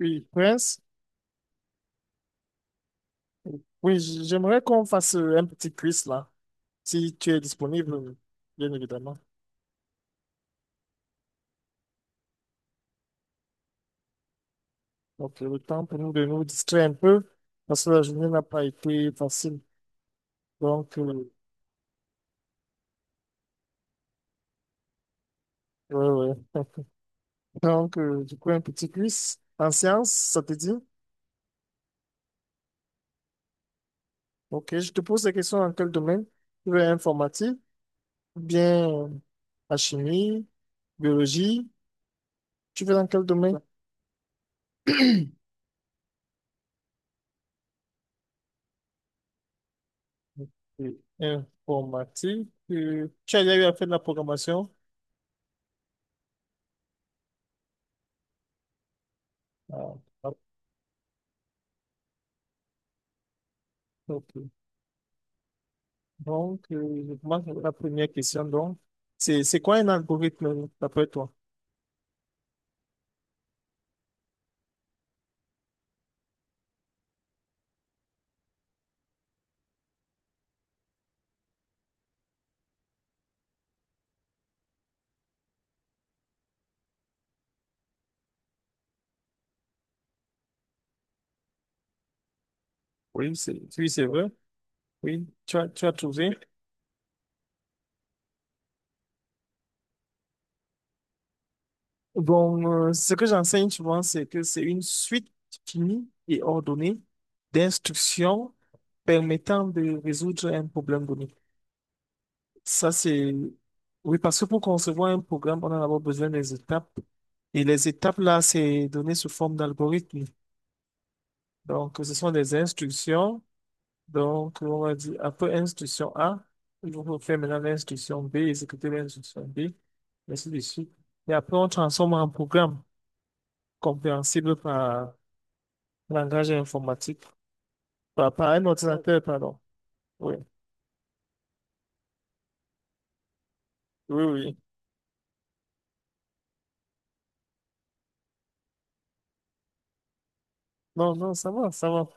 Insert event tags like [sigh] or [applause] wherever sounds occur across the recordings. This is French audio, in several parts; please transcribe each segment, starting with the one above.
Oui, Prince. Oui, j'aimerais qu'on fasse un petit quiz là, si tu es disponible, bien évidemment. Le temps pour nous de nous distraire un peu, parce que la journée n'a pas été facile. Donc, euh, ouais, ouais. [laughs] Un petit quiz en sciences, ça te dit? Ok, je te pose des questions dans quel domaine? Tu veux informatique, ou bien la chimie, biologie, tu veux dans quel domaine? Ok. Informatique, tu as déjà eu à faire de la programmation? Ah, ah, ok. Je commence avec la première question. Donc, c'est quoi un algorithme d'après toi? Oui, c'est vrai. Oui, tu as trouvé. Ce que j'enseigne souvent, c'est que c'est une suite finie et ordonnée d'instructions permettant de résoudre un problème donné. Ça, c'est... Oui, parce que pour concevoir un programme, on a d'abord besoin des étapes. Et les étapes, là, c'est donné sous forme d'algorithme. Donc, ce sont des instructions. Donc, on va dire, après instruction A, il faut faire maintenant l'instruction B, exécuter l'instruction B, ainsi de suite. Et après, on transforme en programme compréhensible par langage informatique, par un ordinateur, pardon. Oui, oui, oui. Non, non, ça va, ça va.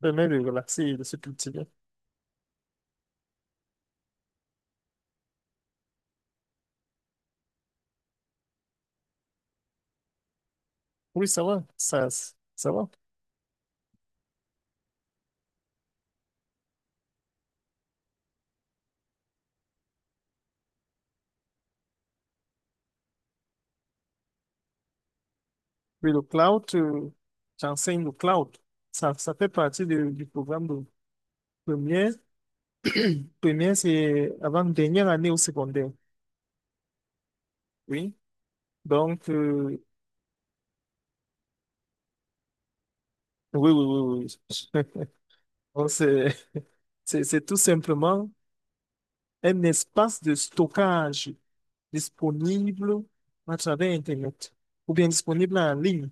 Permet de relaxer et de se cultiver. Oui, ça va. Oui, le cloud, j'enseigne le cloud. Ça fait partie du programme de première. Première, c'est avant dernière année au secondaire. Oui. Donc, oui, oui, oui, oui. [laughs] Donc, c'est tout simplement un espace de stockage disponible à travers Internet ou bien disponible en ligne.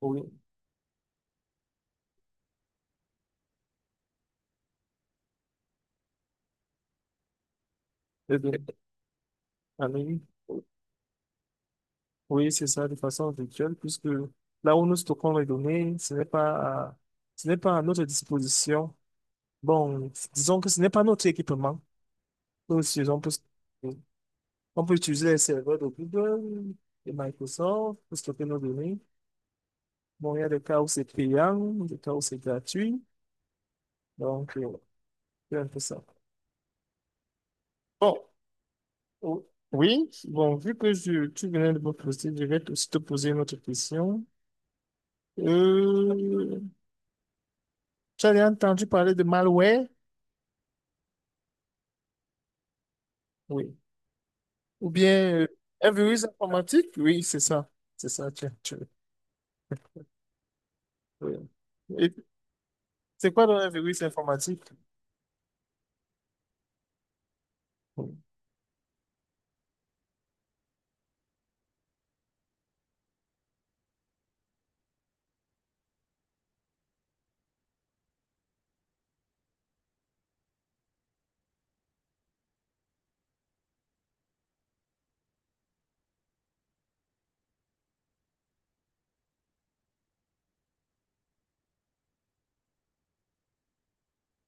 Oui. Eh bien, en ligne. Oui, c'est ça, de façon virtuelle, puisque là où nous stockons les données, ce n'est pas à notre disposition. Bon, disons que ce n'est pas notre équipement. Nous utilisons plus- on peut utiliser les serveurs de Google, de Microsoft pour stocker nos données. Bon, il y a des cas où c'est payant, des cas où c'est gratuit. Donc, euh, c'est un peu ça. Bon, o- oui, bon, tu venais de me poser, je vais aussi te poser une autre question. Euh, tu as déjà entendu parler de malware? Oui. Ou bien un virus informatique? Oui, c'est ça. C'est ça, oui. Et c'est quoi donc, un virus informatique?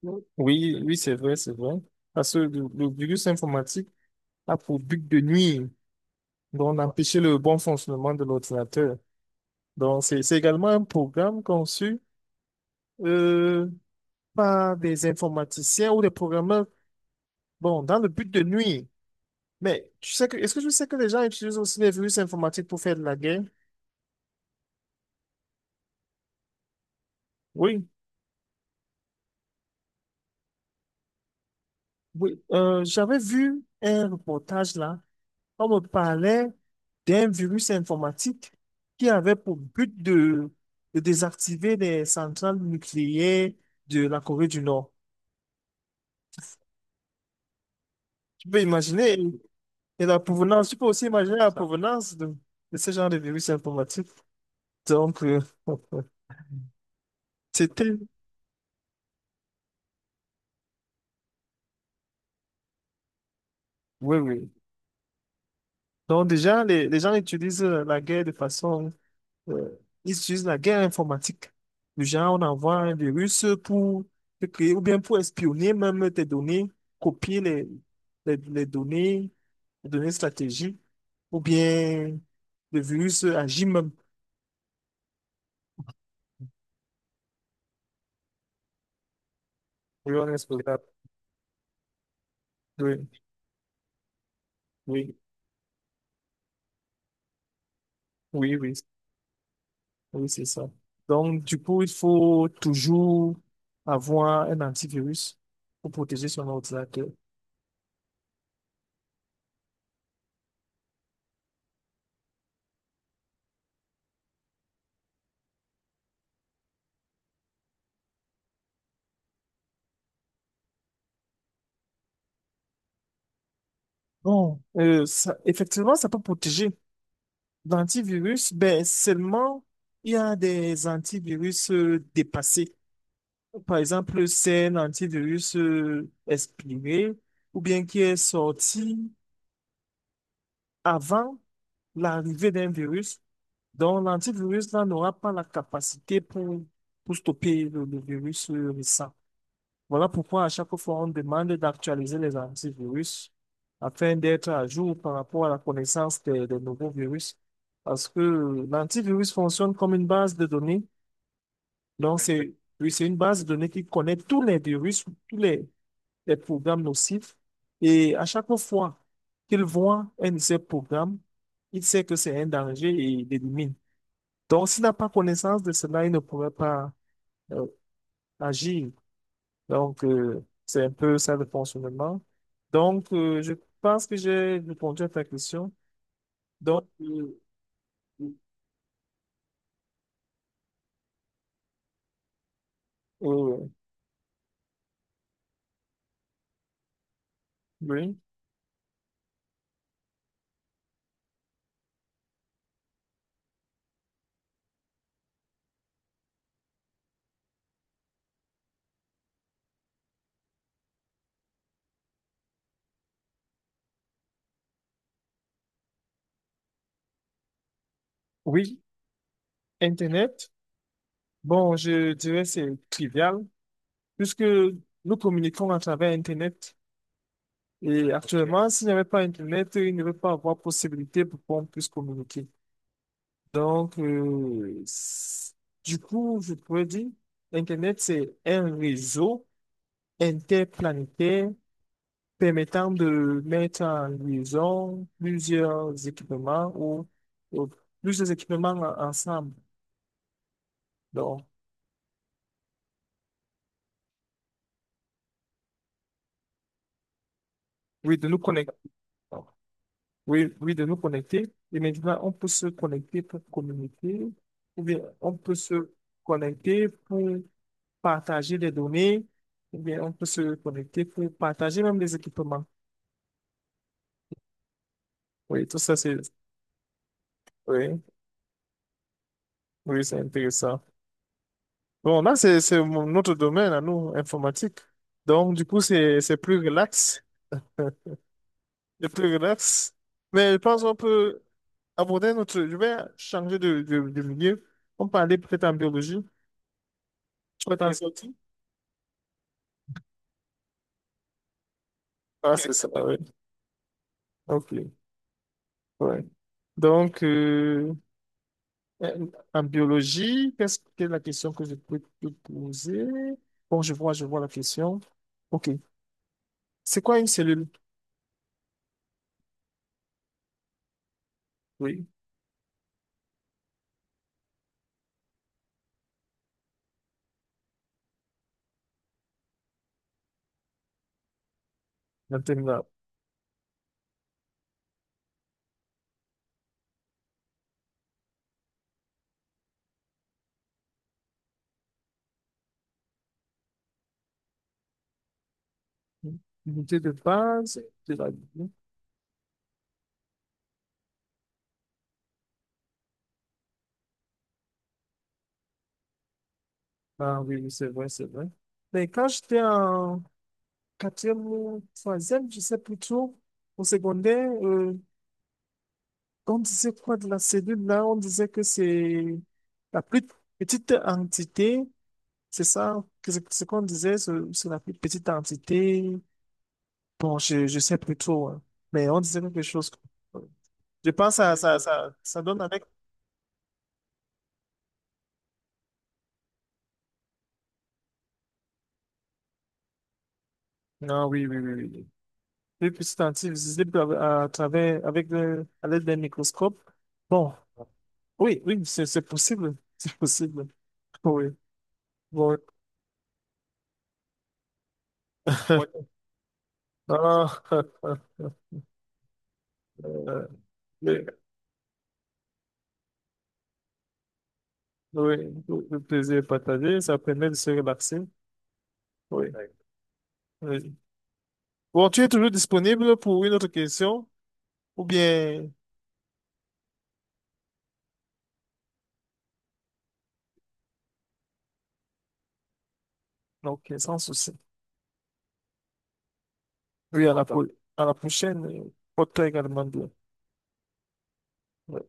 Oui, oui, oui, c'est vrai, c'est vrai. Parce que le virus informatique a pour but de nuire, donc d'empêcher le bon fonctionnement de l'ordinateur. Donc, c'est également un programme conçu euh, par des informaticiens ou des programmeurs, bon, dans le but de nuire. Mais tu sais que, est-ce que je sais que les gens utilisent aussi les virus informatiques pour faire de la guerre? Oui, oui. J'avais vu un reportage là, on me parlait d'un virus informatique qui avait pour but de désactiver les centrales nucléaires de la Corée du Nord. Tu peux imaginer. Et la provenance, tu peux aussi imaginer la provenance de ce genre de virus informatique. Donc, euh, [laughs] c'était, oui, oui. Donc, déjà, les gens utilisent la guerre de façon, euh, ils utilisent la guerre informatique. Le genre, on envoie un virus pour te créer ou bien pour espionner même tes données, copier les, les données, les données stratégiques, ou bien le virus agit même. Oui, on est sur ça. Oui, oui, oui, oui. Oui, c'est ça. Donc, du coup, il faut toujours avoir un antivirus pour protéger son ordinateur. Ça, effectivement, ça peut protéger. L'antivirus, ben, seulement, il y a des antivirus dépassés. Par exemple, c'est un antivirus expiré ou bien qui est sorti avant l'arrivée d'un virus. Donc, l'antivirus là n'aura pas la capacité pour stopper le virus récent. Voilà pourquoi à chaque fois, on demande d'actualiser les antivirus afin d'être à jour par rapport à la connaissance des nouveaux virus. Parce que l'antivirus fonctionne comme une base de données. Donc, c'est, oui, c'est une base de données qui connaît tous les virus, les programmes nocifs. Et à chaque fois qu'il voit un de ces programmes, il sait que c'est un danger et il l'élimine. Donc, s'il n'a pas connaissance de cela, il ne pourrait pas euh, agir. C'est un peu ça le fonctionnement. Je pense que j'ai répondu à ta question. Donc, euh, euh, oui, oui. Oui, Internet. Bon, je dirais c'est trivial, puisque nous communiquons à travers Internet. Et actuellement, s'il n'y avait pas Internet, il ne va pas avoir possibilité pour qu'on puisse communiquer. Donc, euh, c- du coup, je pourrais dire, Internet, c'est un réseau interplanétaire permettant de mettre en liaison plusieurs équipements ou plusieurs équipements ensemble. Donc, oui, de nous connecter. Oui, oui, de nous connecter. Et maintenant, on peut se connecter pour communiquer, ou bien on peut se connecter pour partager des données, ou bien on peut se connecter pour partager même des équipements. Oui, tout ça, c'est, oui, oui, c'est intéressant. Bon, là, c'est, notre domaine à nous, informatique. Donc, du coup, c'est plus relax. [laughs] C'est plus relax. Mais je pense qu'on peut aborder notre. Je vais changer de milieu. On peut aller peut-être en biologie. Tu peux t'en sortir? Ah, c'est ça, oui. OK. Ouais. Donc, euh, en biologie, qu'est-ce que la question que je peux te poser? Bon, je vois la question. OK. C'est quoi une cellule? Oui, la terminale. L'unité de base de la vie. Ah oui, oui c'est vrai, c'est vrai. Mais quand j'étais en quatrième ou troisième, je sais plutôt au secondaire, on disait quoi de la cellule là? On disait que c'est la plus petite entité, c'est ça, que c'est ce qu'on disait, c'est la plus petite entité. Bon, je sais plus trop, hein. Mais on disait quelque chose. Je pense que ça donne avec. Ah oui, oui, oui, oui. Plus petite entité visible à travers, avec le, à l'aide d'un microscope. Bon. Oui, oui, c'est possible. [laughs] C'est possible. Oui, oui. Oui. Ah, [laughs] oui, oui, le plaisir est partagé, ça permet de se relaxer. Oui, oui. Bon, tu es toujours disponible pour une autre question ou bien... Ok, sans souci. Oui, à la prochaine. Porte-toi également bien. Oui.